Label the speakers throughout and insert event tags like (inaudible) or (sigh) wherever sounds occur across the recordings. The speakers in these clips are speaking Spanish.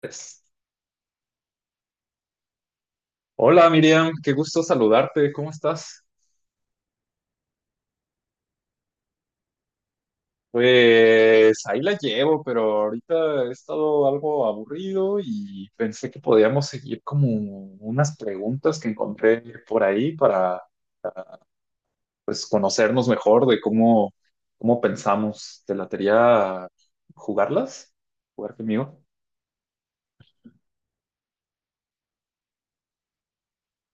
Speaker 1: Pues, Hola, Miriam, qué gusto saludarte. ¿Cómo estás? Pues ahí la llevo, pero ahorita he estado algo aburrido y pensé que podíamos seguir como unas preguntas que encontré por ahí para conocernos mejor de cómo pensamos. ¿Te latería jugarlas? ¿Jugar conmigo?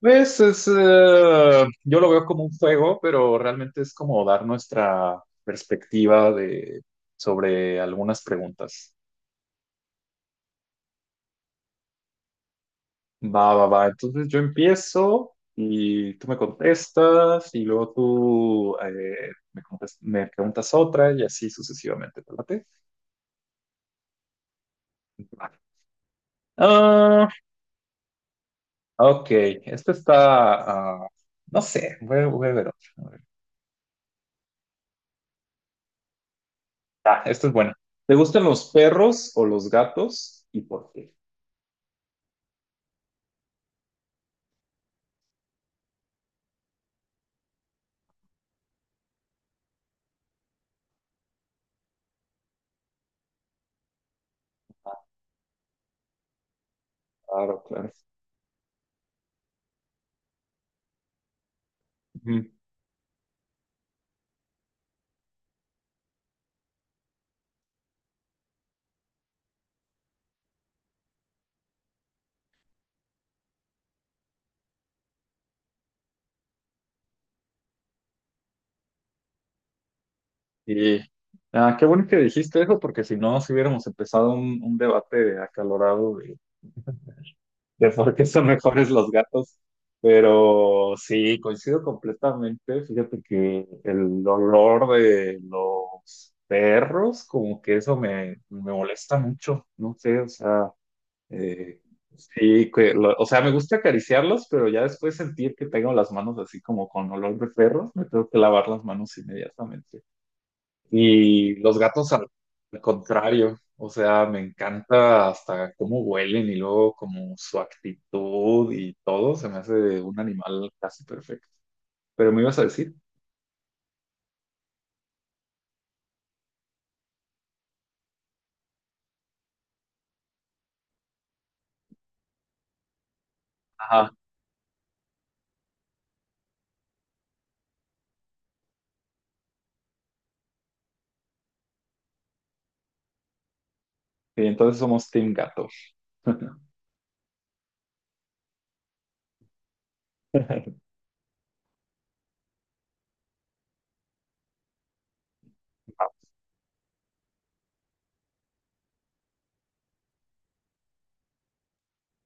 Speaker 1: Pues es, yo lo veo como un juego, pero realmente es como dar nuestra perspectiva sobre algunas preguntas. Va, va, va. Entonces yo empiezo y tú me contestas y luego tú me preguntas otra y así sucesivamente. ¿Te late? Va. Ah, ok. Esto está. No sé, voy a ver otro. A ver. Esto es bueno. ¿Te gustan los perros o los gatos y por qué? Claro, claro. Ujú. Y Qué bueno que dijiste eso, porque si no, si hubiéramos empezado un debate acalorado de por qué son mejores los gatos. Pero sí, coincido completamente. Fíjate que el olor de los perros, como que eso me molesta mucho. No sé, o sea, eh, sí, o sea, me gusta acariciarlos, pero ya después sentir que tengo las manos así como con olor de perros, me tengo que lavar las manos inmediatamente. Y los gatos al contrario, o sea, me encanta hasta cómo huelen y luego como su actitud y todo, se me hace un animal casi perfecto. Pero me ibas a decir, ajá, y entonces somos team gato. (laughs)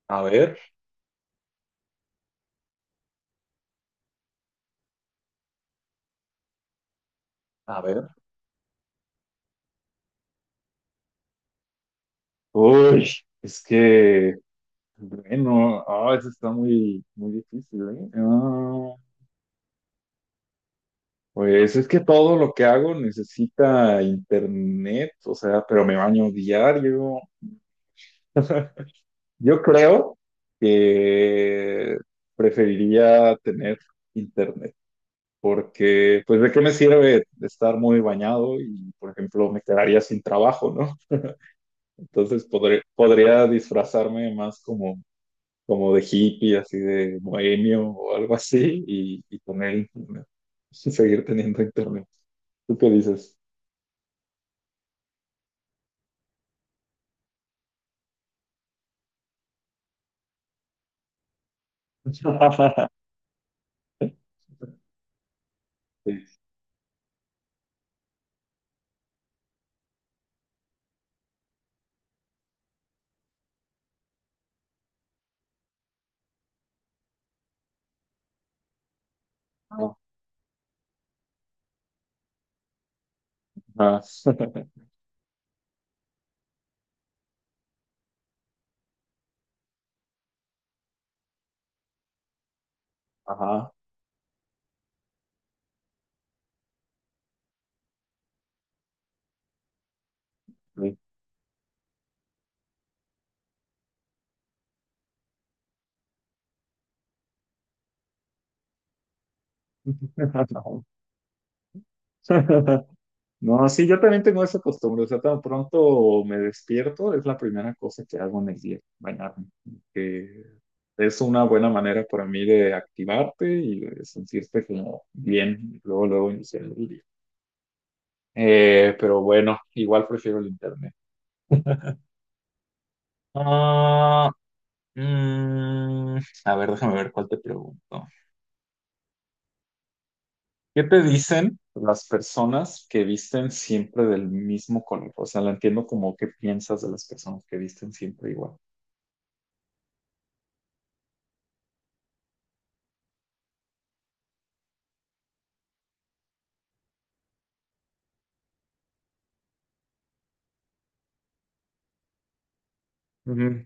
Speaker 1: A ver, a ver. Uy, es que, bueno, eso está muy, muy difícil, ¿eh? Pues es que todo lo que hago necesita internet, o sea, pero me baño diario. (laughs) Yo creo que preferiría tener internet, porque pues de qué me sirve estar muy bañado y, por ejemplo, me quedaría sin trabajo, ¿no? (laughs) Entonces podría disfrazarme más como de hippie, así de bohemio o algo así, y tener internet, (laughs) y seguir teniendo internet. ¿Tú qué dices? (laughs) Sí. Ajá. Ajá. Sí. (laughs) No, sí, yo también tengo esa costumbre, o sea, tan pronto me despierto, es la primera cosa que hago en el día, bañarme, que es una buena manera para mí de activarte y de sentirte como bien, luego, luego iniciar el día. Pero bueno, igual prefiero el internet. Ah, mm, a ver, déjame ver cuál te pregunto. ¿Qué te dicen las personas que visten siempre del mismo color? O sea, la entiendo como qué piensas de las personas que visten siempre igual. Ujú.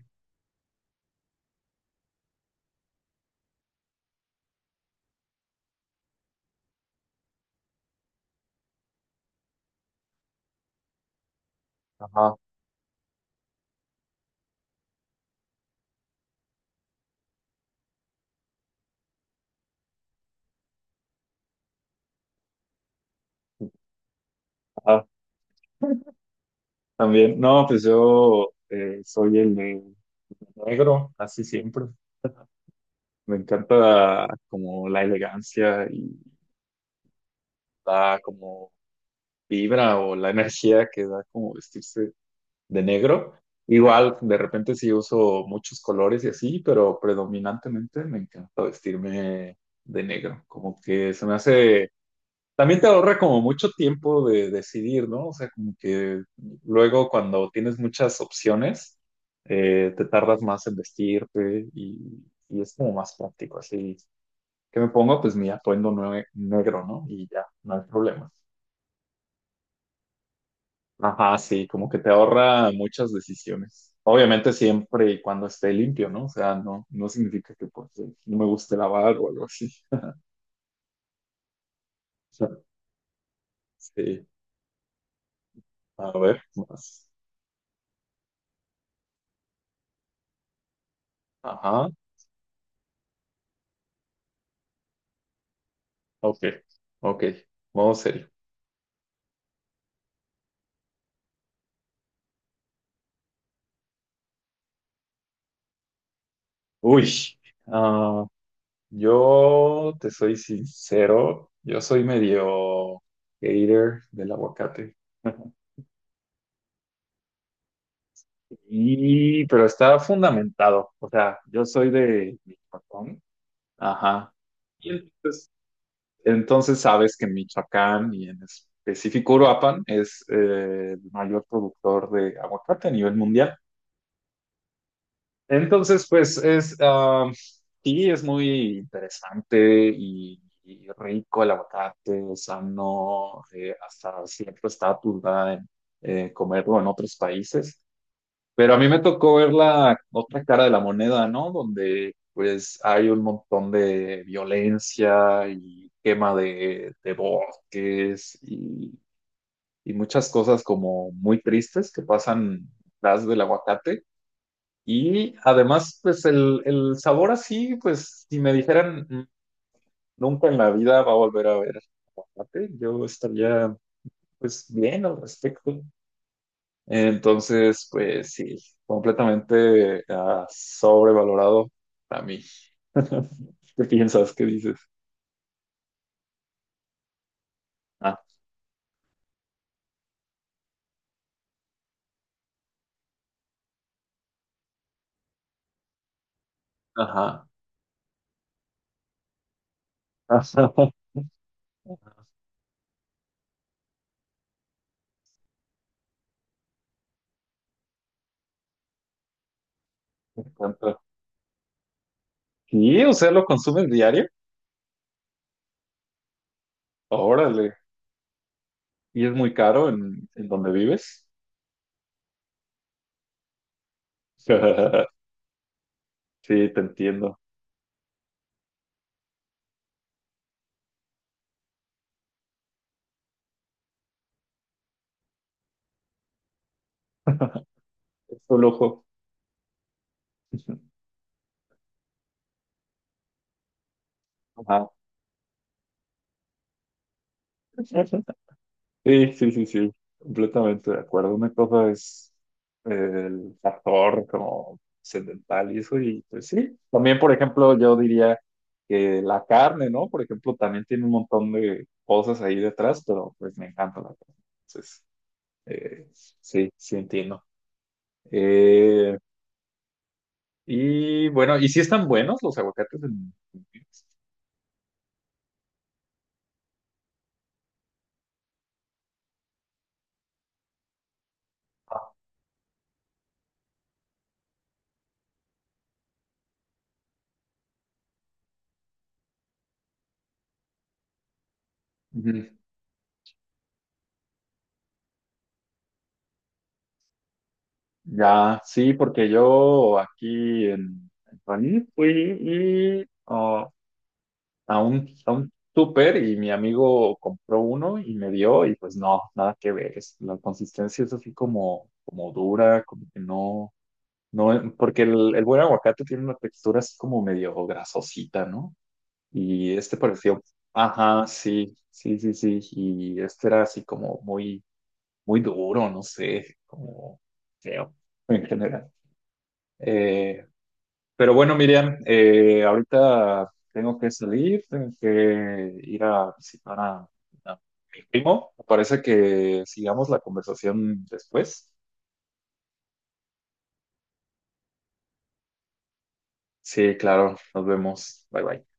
Speaker 1: Ajá, ajá. También, no, pues yo soy el de negro, así siempre. Me encanta como la elegancia y la como vibra o la energía que da como vestirse de negro. Igual, de repente sí uso muchos colores y así, pero predominantemente me encanta vestirme de negro. Como que se me hace también te ahorra como mucho tiempo de decidir, ¿no? O sea, como que luego cuando tienes muchas opciones, te tardas más en vestirte y es como más práctico. Así que me pongo pues mi atuendo negro, ¿no? Y ya, no hay problema. Ajá, sí, como que te ahorra muchas decisiones. Obviamente siempre y cuando esté limpio, ¿no? O sea, no significa que pues, no me guste lavar o algo así. (laughs) Sí, a ver, más. Ajá. Ok, ok, modo serio. Uy, ah, yo te soy sincero, yo soy medio hater del aguacate. (laughs) Y, pero está fundamentado, o sea, yo soy de Michoacán, ajá. Y entonces sabes que Michoacán y en específico Uruapan es el mayor productor de aguacate a nivel mundial. Entonces, pues es, sí, es muy interesante y rico el aguacate, sano, hasta cierto estatus da en comerlo en otros países. Pero a mí me tocó ver la otra cara de la moneda, ¿no? Donde pues hay un montón de violencia y quema de bosques y muchas cosas como muy tristes que pasan detrás del aguacate. Y además, pues el sabor así, pues si me dijeran "Mm, nunca en la vida va a volver a ver aguacate, yo estaría pues bien al respecto". Entonces, pues sí, completamente sobrevalorado para mí. (laughs) ¿Qué piensas? ¿Qué dices? Ah, ajá. (laughs) Ajá. Me encanta. Sí, o sea, lo consumes diario. Órale. Y es muy caro en donde vives. (laughs) Sí, te entiendo. (laughs) Es un lujo. Ajá. Sí, sí, sí, sí, completamente de acuerdo. Una cosa es eh, el factor como sedental y eso, y pues sí. También, por ejemplo, yo diría que la carne, ¿no? Por ejemplo, también tiene un montón de cosas ahí detrás, pero pues me encanta la carne. Entonces, eh, sí, sí entiendo. Eh, y bueno, ¿y si están buenos los aguacates en... Ujú. Ya, sí, porque yo aquí en París fui y, ah, a a un súper y mi amigo compró uno y me dio y pues no, nada que ver. La consistencia es así como, como dura, como que no, no, porque el buen aguacate tiene una textura así como medio grasosita, ¿no? Y este pareció, ajá, sí, sí, sí, sí, y este era así como muy, muy duro, no sé, como feo en general. Eh, pero bueno, Miriam, ahorita tengo que salir, tengo que ir a visitar a mi primo. Me parece que sigamos la conversación después. Sí, claro, nos vemos. Bye bye.